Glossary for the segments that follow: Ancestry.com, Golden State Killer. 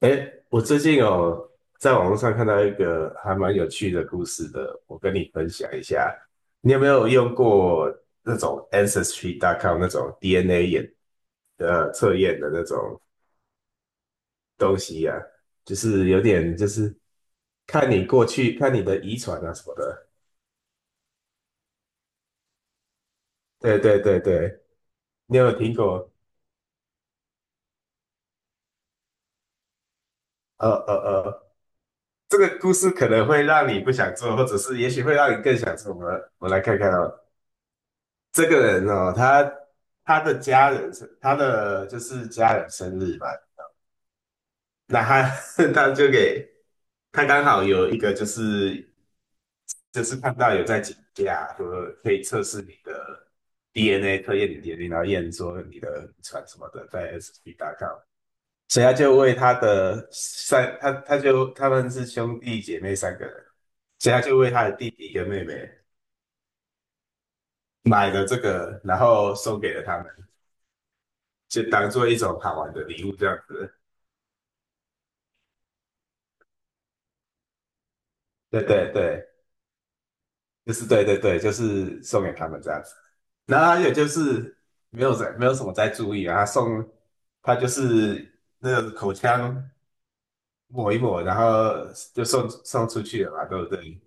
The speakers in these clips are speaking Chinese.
哎，我最近哦，在网络上看到一个还蛮有趣的故事的，我跟你分享一下。你有没有用过那种 Ancestry.com 那种 DNA 测验的那种东西啊？就是有点就是看你的遗传啊什么的。对对对对，你有没有听过？呃呃呃，这个故事可能会让你不想做，或者是也许会让你更想做。我们来看看哦。这个人哦，他的家人生，他的就是家人生日嘛，那他 他就给他刚好有一个就是看到有在请假，说可以测试你的 DNA，测验你 DNA，然后验说你的遗传什么的，在 SB.com，所以他就为他的三，他他就他们是兄弟姐妹三个人，所以他就为他的弟弟跟妹妹买了这个，然后送给了他们。就当做一种好玩的礼物这样子。对对对，就是对对对，就是送给他们这样子。然后还有就是没有什么在注意啊，他就是那个口腔抹一抹，然后就送出去了嘛，对不对？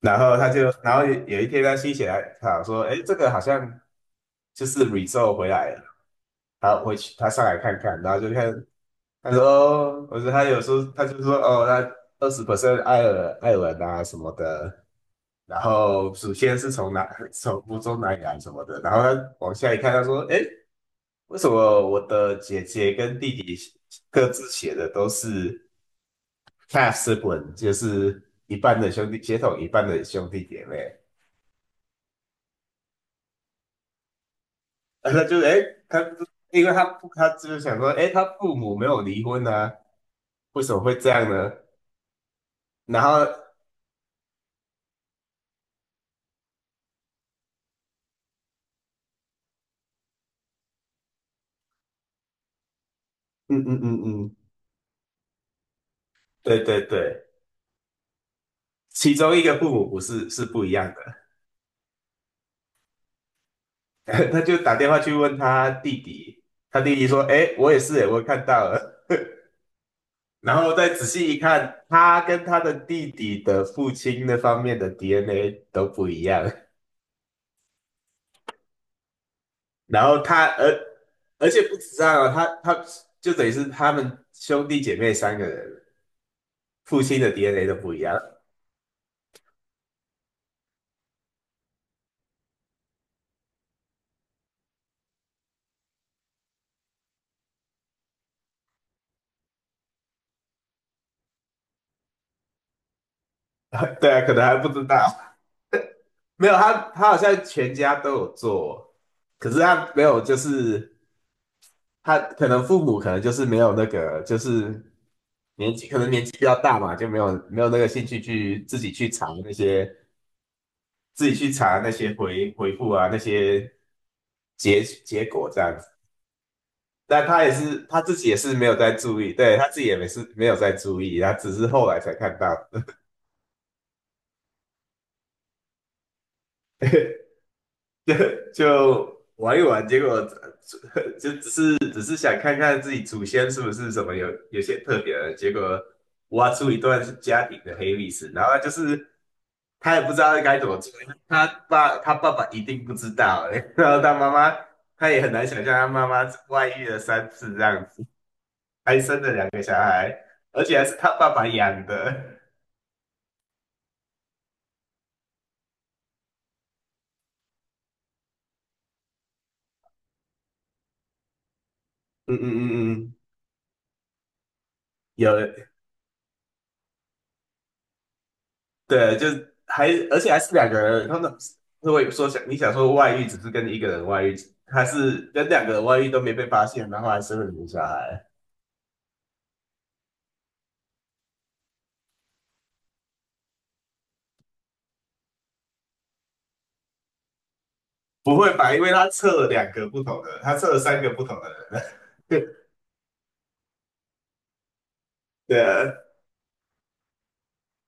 然后然后有一天他心血来潮说，哎，这个好像就是 result 回来了，他回去他上来看看，然后就看他说，哦他有时候他就说哦，那20% 爱尔兰啊什么的，然后首先是从哪 从福州哪里来什么的，然后他往下一看，他说：“哎，为什么我的姐姐跟弟弟各自写的都是 half sibling，就是一半的兄弟血统，一半的兄弟姐妹？” 然后他就哎，他因为他他就是想说，哎，他父母没有离婚啊，为什么会这样呢？然后，嗯嗯嗯嗯，对对对，其中一个父母不是是不一样的。他就打电话去问他弟弟，他弟弟说：“哎，我也是，哎，我看到了。然后再仔细一看，他跟他的弟弟的父亲那方面的 DNA 都不一样。然后他，而且不止这样哦，他就等于是他们兄弟姐妹三个人，父亲的 DNA 都不一样。对啊，可能还不知道，没有他好像全家都有做，可是他没有，就是他可能父母可能就是没有那个，就是年纪比较大嘛，就没有那个兴趣去自己去查那些回复啊那些结果这样子。但他自己也是没有在注意，对他自己也没是没有在注意，他只是后来才看到的 就玩一玩，结果就只是想看看自己祖先是不是什么有些特别的，结果挖出一段家庭的黑历史，然后他就是他也不知道该怎么做，他爸爸一定不知道、欸，然后他妈妈他也很难想象他妈妈外遇了三次这样子，还生了两个小孩，而且还是他爸爸养的。嗯嗯嗯嗯，有对，就是还而且还是两个人，他们如果说你想说外遇只是跟一个人外遇，还是跟两个人外遇都没被发现，然后还生了两个小孩，不会吧？因为他测了两个不同的，他测了三个不同的人。对啊，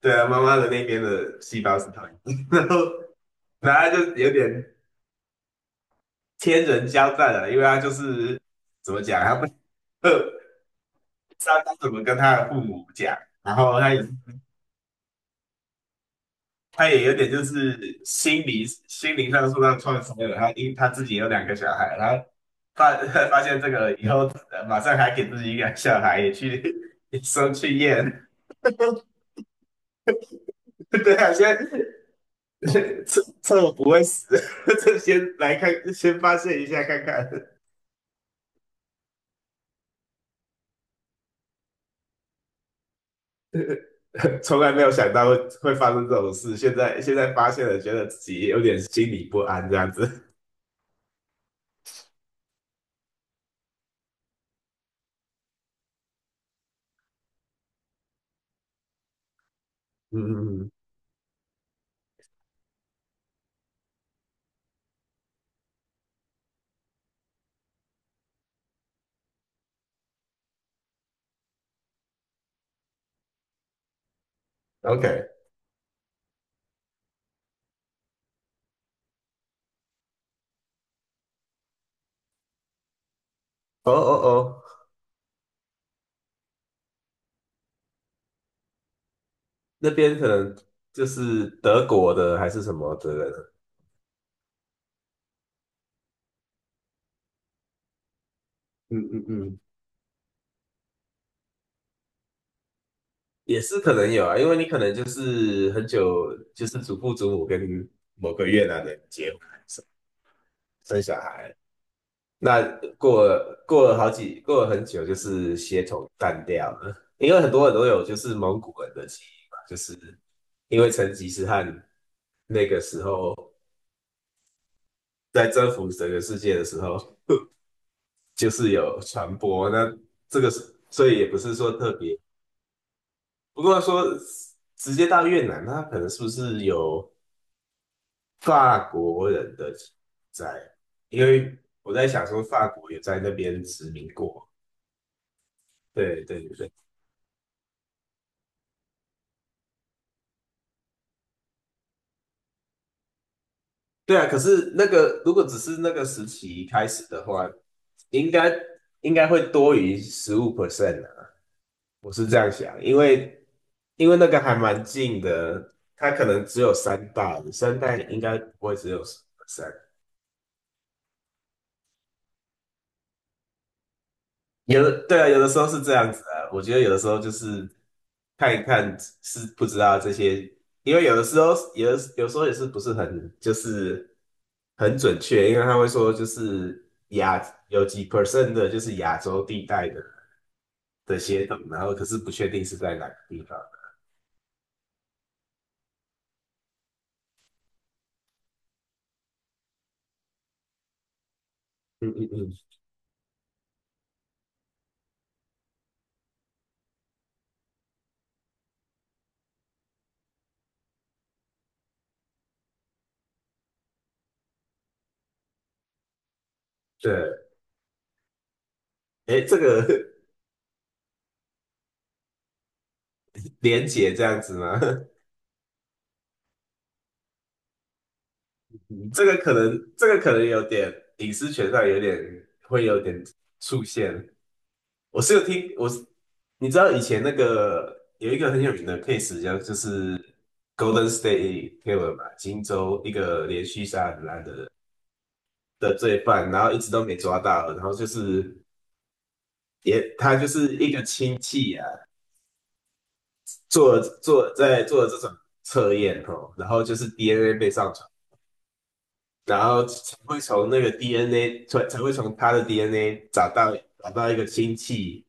对啊，妈妈的那边的细胞是同一个，然后他就有点天人交战了，因为他就是怎么讲，他不呃，不知道该怎么跟他的父母讲，然后他也有点就是心理心灵上受到创伤了，他自己有两个小孩，然后发 发现这个以后，马上还给自己一个小孩也去 去验，对啊，先 趁我 不会死 这先来看，先发现一下看看。从来没有想到会发生这种事，现在发现了，觉得自己有点心里不安这样子。嗯嗯嗯，OK，哦哦哦，那边可能就是德国的还是什么的人，嗯嗯嗯，也是可能有啊，因为你可能就是很久就是祖父祖母跟某个越南人结婚生小孩，那过了很久，就是血统淡掉了，因为很多人都有就是蒙古人的基因嘛，就是因为成吉思汗那个时候在征服整个世界的时候，就是有传播，那这个是所以也不是说特别，不过说直接到越南，他可能是不是有法国人的基因在？因为我在想说法国也在那边殖民过，对对对。对啊，可是那个如果只是那个时期开始的话，应该应该会多于百分之十五 percent 啊，我是这样想，因为那个还蛮近的，它可能只有三代，三代应该不会只有有的对啊，有的时候是这样子啊，我觉得有的时候就是看一看是不知道这些，因为有时候也是不是很就是很准确，因为他会说就是有几 percent 的就是亚洲地带的。的协同，然后可是不确定是在哪个地方。嗯嗯嗯，对，哎，这个 连结这样子吗？嗯这个可能有点隐私权上会有点出现。我是有听，我是你知道以前那个有一个很有名的 case，叫就是 Golden State Killer 嘛，金州一个连续杀人案的罪犯，然后一直都没抓到，然后就是也他就是一个亲戚啊，做在做这种测验哦，然后就是 DNA 被上传，然后才会从那个 DNA 才会从他的 DNA 找到一个亲戚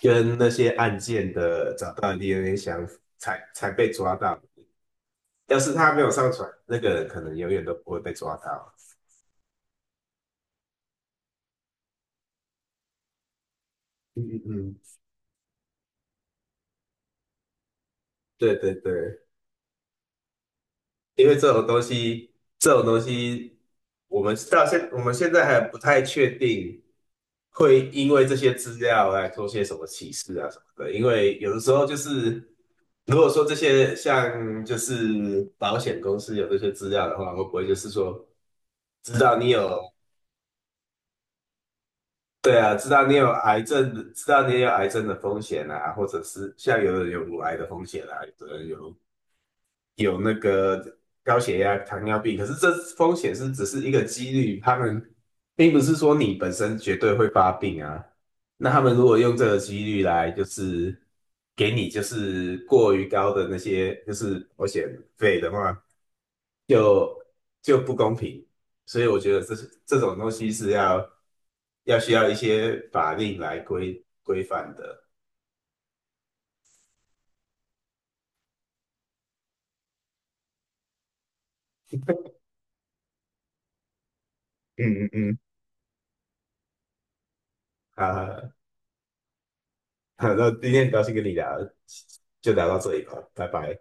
跟那些案件的找到 DNA 相符，才被抓到。要是他没有上传，那个人可能永远都不会被抓到。嗯嗯嗯，对对对，因为这种东西，我们现在还不太确定，会因为这些资料来做些什么歧视啊什么的。因为有的时候就是，如果说这些像就是保险公司有这些资料的话，会不会就是说，知道你有，对啊，知道你有癌症，知道你有癌症的风险啊，或者是像有人有乳癌的风险啊，有的人有那个高血压、糖尿病，可是这风险只是一个几率，他们并不是说你本身绝对会发病啊。那他们如果用这个几率来，就是给你就是过于高的那些就是保险费的话，就不公平。所以我觉得这种东西是需要一些法令来规范的。嗯嗯嗯，好好好，好那今天很高兴跟你聊，就聊到这里吧，拜拜。